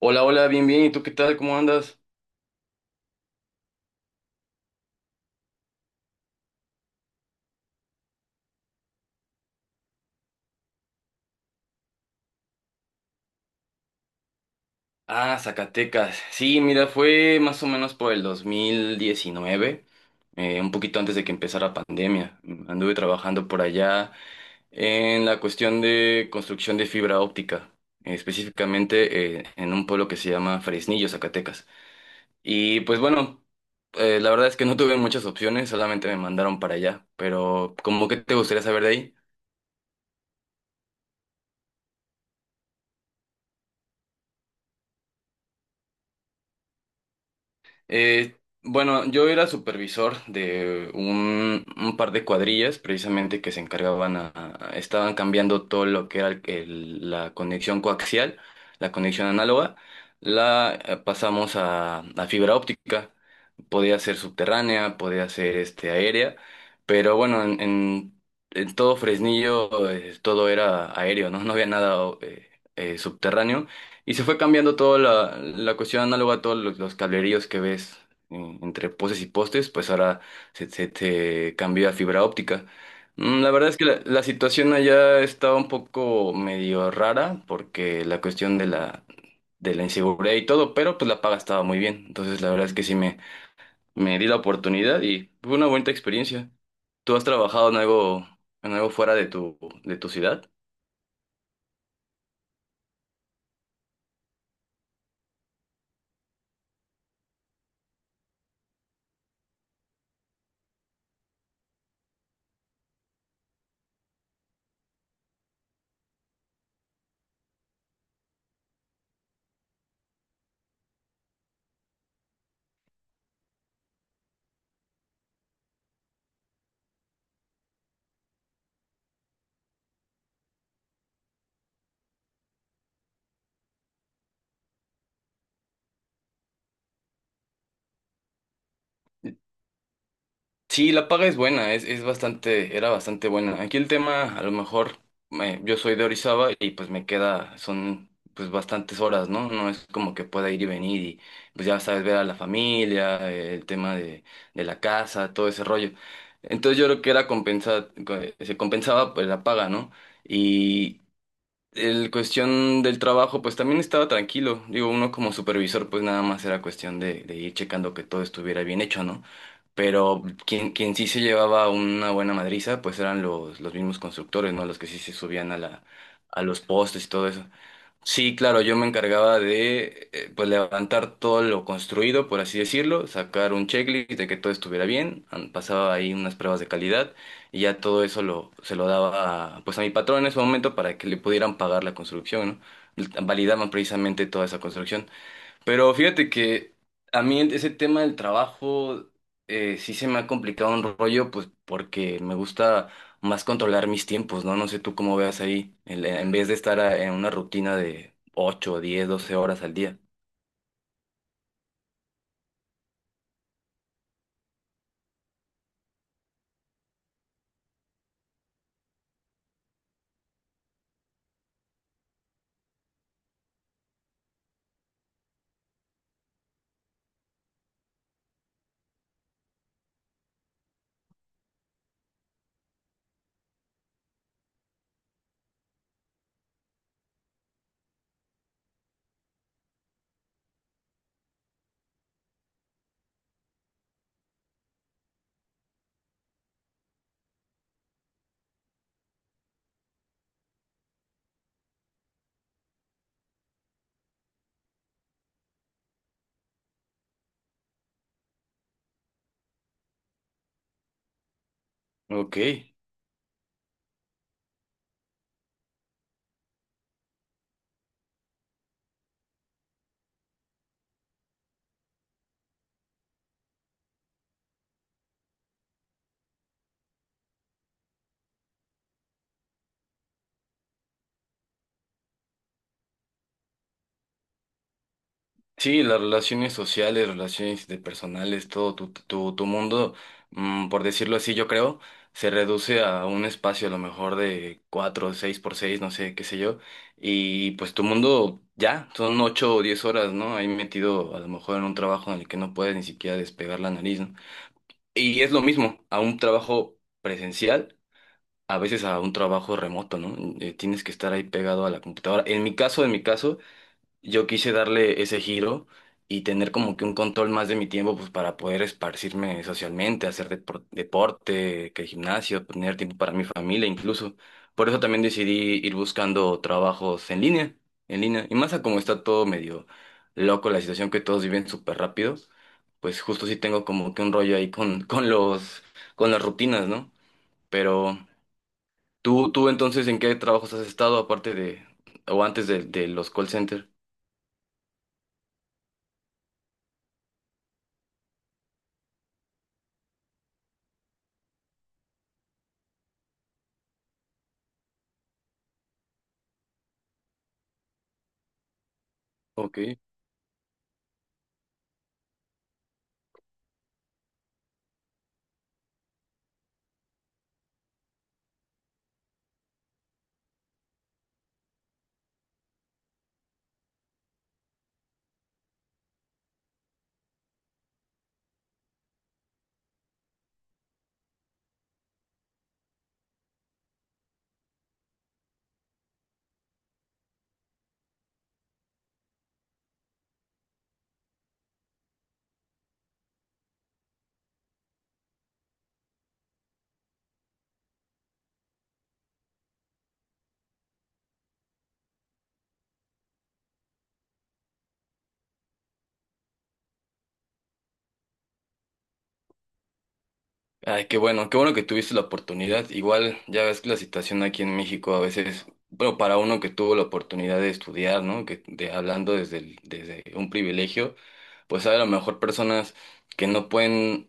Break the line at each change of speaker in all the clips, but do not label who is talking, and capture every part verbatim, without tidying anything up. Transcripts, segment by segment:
Hola, hola, bien, bien. ¿Y tú qué tal? ¿Cómo andas? Ah, Zacatecas. Sí, mira, fue más o menos por el dos mil diecinueve, eh, un poquito antes de que empezara pandemia. Mm, Anduve trabajando por allá en la cuestión de construcción de fibra óptica, eh, específicamente eh, en un pueblo que se llama Fresnillo, Zacatecas. Y pues bueno, eh, la verdad es que no tuve muchas opciones, solamente me mandaron para allá. Pero, ¿cómo que te gustaría saber de ahí? Eh, bueno, yo era supervisor de un, un par de cuadrillas precisamente que se encargaban a, a- estaban cambiando todo lo que era el- el- la conexión coaxial, la conexión análoga, la eh, pasamos a, a fibra óptica. Podía ser subterránea, podía ser este, aérea, pero bueno, en, en- en todo Fresnillo eh, todo era aéreo, ¿no? No había nada eh, eh, subterráneo. Y se fue cambiando toda la, la cuestión análoga a todos los, los cableríos que ves en- entre postes y postes, pues ahora se, se, se cambió a fibra óptica. Mm, La verdad es que la, la situación allá estaba un poco medio rara porque la cuestión de la, de la inseguridad y todo, pero pues la paga estaba muy bien. Entonces la verdad es que sí me, me di la oportunidad y fue una bonita experiencia. ¿Tú has trabajado en algo, en algo fuera de tu, de tu ciudad? Sí, la paga es buena, es, es bastante, era bastante buena. Aquí el tema, a lo mejor, eh, yo soy de Orizaba y pues me queda, son pues bastantes horas, ¿no? No es como que pueda ir y venir y pues ya sabes, ver a la familia, eh, el tema de, de la casa, todo ese rollo. Entonces yo creo que era compensar, se compensaba pues la paga, ¿no? Y el cuestión del trabajo, pues también estaba tranquilo. Digo, uno como supervisor, pues nada más era cuestión de, de ir checando que todo estuviera bien hecho, ¿no? Pero quien, quien sí se llevaba una buena madriza, pues eran los, los mismos constructores, ¿no? Los que sí se subían a la, a los postes y todo eso. Sí, claro, yo me encargaba de eh, pues levantar todo lo construido, por así decirlo, sacar un checklist de que todo estuviera bien, an- pasaba ahí unas pruebas de calidad y ya todo eso lo, se lo daba a, pues a mi patrón en ese momento para que le pudieran pagar la construcción, ¿no? Validaban precisamente toda esa construcción. Pero fíjate que a mí ese tema del trabajo eh, sí se me ha complicado un rollo, pues porque me gusta más controlar mis tiempos, ¿no? No sé tú cómo veas ahí, el- en vez de estar a- en una rutina de ocho diez doce horas al día. Ok. Sí, las relaciones sociales, relaciones interpersonales, todo tu, tu, tu mundo, mm, por decirlo así, yo creo, se reduce a un espacio a lo mejor de cuatro, seis por seis, no sé, qué sé yo, y pues tu mundo ya, son ocho o diez horas, ¿no? Ahí metido a lo mejor en un trabajo en el que no puedes ni siquiera despegar la nariz, ¿no? Y es lo mismo, a un trabajo presencial, a veces a un trabajo remoto, ¿no? Eh, tienes que estar ahí pegado a la computadora. En mi caso, en mi caso yo quise darle ese giro y tener como que un control más de mi tiempo pues para poder esparcirme socialmente, hacer depor- deporte, que gimnasio, tener tiempo para mi familia incluso. Por eso también decidí ir buscando trabajos en línea, en línea. Y más a como está todo medio loco, la situación que todos viven súper rápido, pues justo sí tengo como que un rollo ahí con, con los, con las rutinas, ¿no? Pero tú, tú entonces, ¿en qué trabajos has estado aparte de, o antes de, de los call centers? Ok. Ay, qué bueno, qué bueno que tuviste la oportunidad. Igual ya ves que la situación aquí en México a veces, bueno, para uno que tuvo la oportunidad de estudiar, ¿no? Que de, hablando desde el- desde un privilegio, pues hay a lo mejor personas que no pueden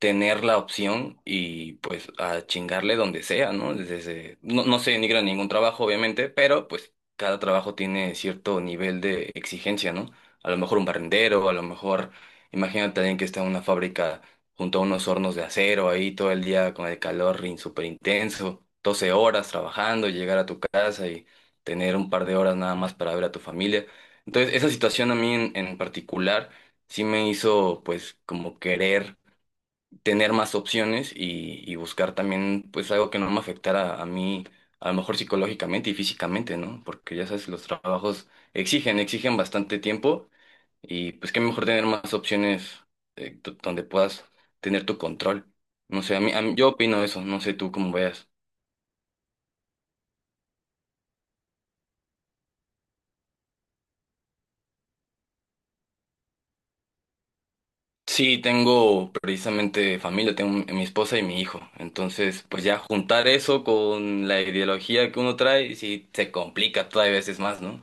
tener la opción y pues a chingarle donde sea, ¿no? Desde, no, no se denigra ningún trabajo, obviamente, pero pues cada trabajo tiene cierto nivel de exigencia, ¿no? A lo mejor un barrendero, a lo mejor, imagínate alguien que está en una fábrica junto a unos hornos de acero ahí todo el día con el calor súper intenso, doce horas trabajando, llegar a tu casa y tener un par de horas nada más para ver a tu familia. Entonces, esa situación a mí en, en particular sí me hizo pues como querer tener más opciones y, y buscar también pues algo que no me afectara a mí, a lo mejor psicológicamente y físicamente, ¿no? Porque ya sabes, los trabajos exigen, exigen bastante tiempo y pues qué mejor tener más opciones eh, do- donde puedas tener tu control. No sé, a mí, a mí- yo opino eso, no sé tú cómo veas. Sí, tengo precisamente familia, tengo mi mi esposa y mi hijo. Entonces, pues ya juntar eso con la ideología que uno trae, sí se complica todavía veces más, ¿no?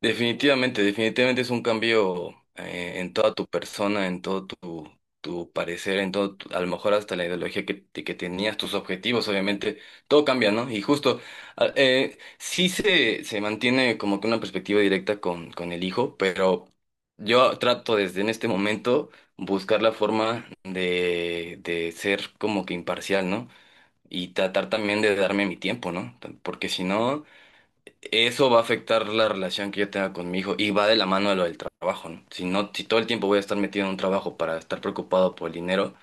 Definitivamente, definitivamente es un cambio eh, en toda tu persona, en todo tu, tu parecer, en todo, tu- a lo mejor hasta la ideología que, te- que tenías, tus objetivos, obviamente, todo cambia, ¿no? Y justo, a- eh, sí se, se mantiene como que una perspectiva directa con, con el hijo, pero yo trato desde en este momento buscar la forma de, de ser como que imparcial, ¿no? Y tratar también de darme mi tiempo, ¿no? Porque si no. Eso va a afectar la relación que yo tenga con mi hijo y va de la mano de lo del trabajo, ¿no? Si no, si todo el tiempo voy a estar metido en un trabajo para estar preocupado por el dinero,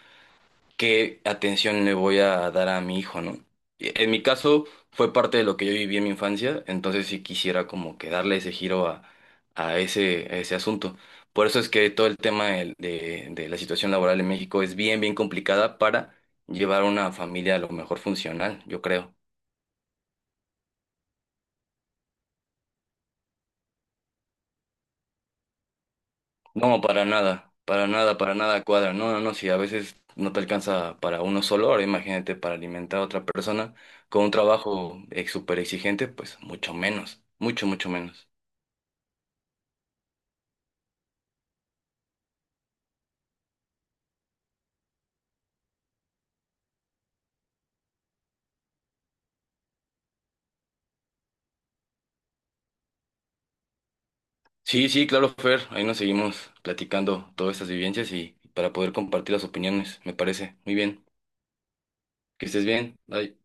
¿qué atención le voy a dar a mi hijo?, ¿no? Y en mi caso fue parte de lo que yo viví en mi infancia, entonces sí quisiera como que darle ese giro a, a ese, a ese asunto. Por eso es que todo el tema del- de, de la situación laboral en México es bien, bien complicada para llevar una familia a lo mejor funcional, yo creo. No, para nada, para nada, para nada cuadra. No, no, no, si a veces no te alcanza para uno solo, ahora imagínate para alimentar a otra persona con un trabajo ex, súper exigente, pues mucho menos, mucho, mucho menos. Sí, sí, claro, Fer, ahí nos seguimos platicando todas estas vivencias y para poder compartir las opiniones, me parece. Muy bien, que estés bien, bye.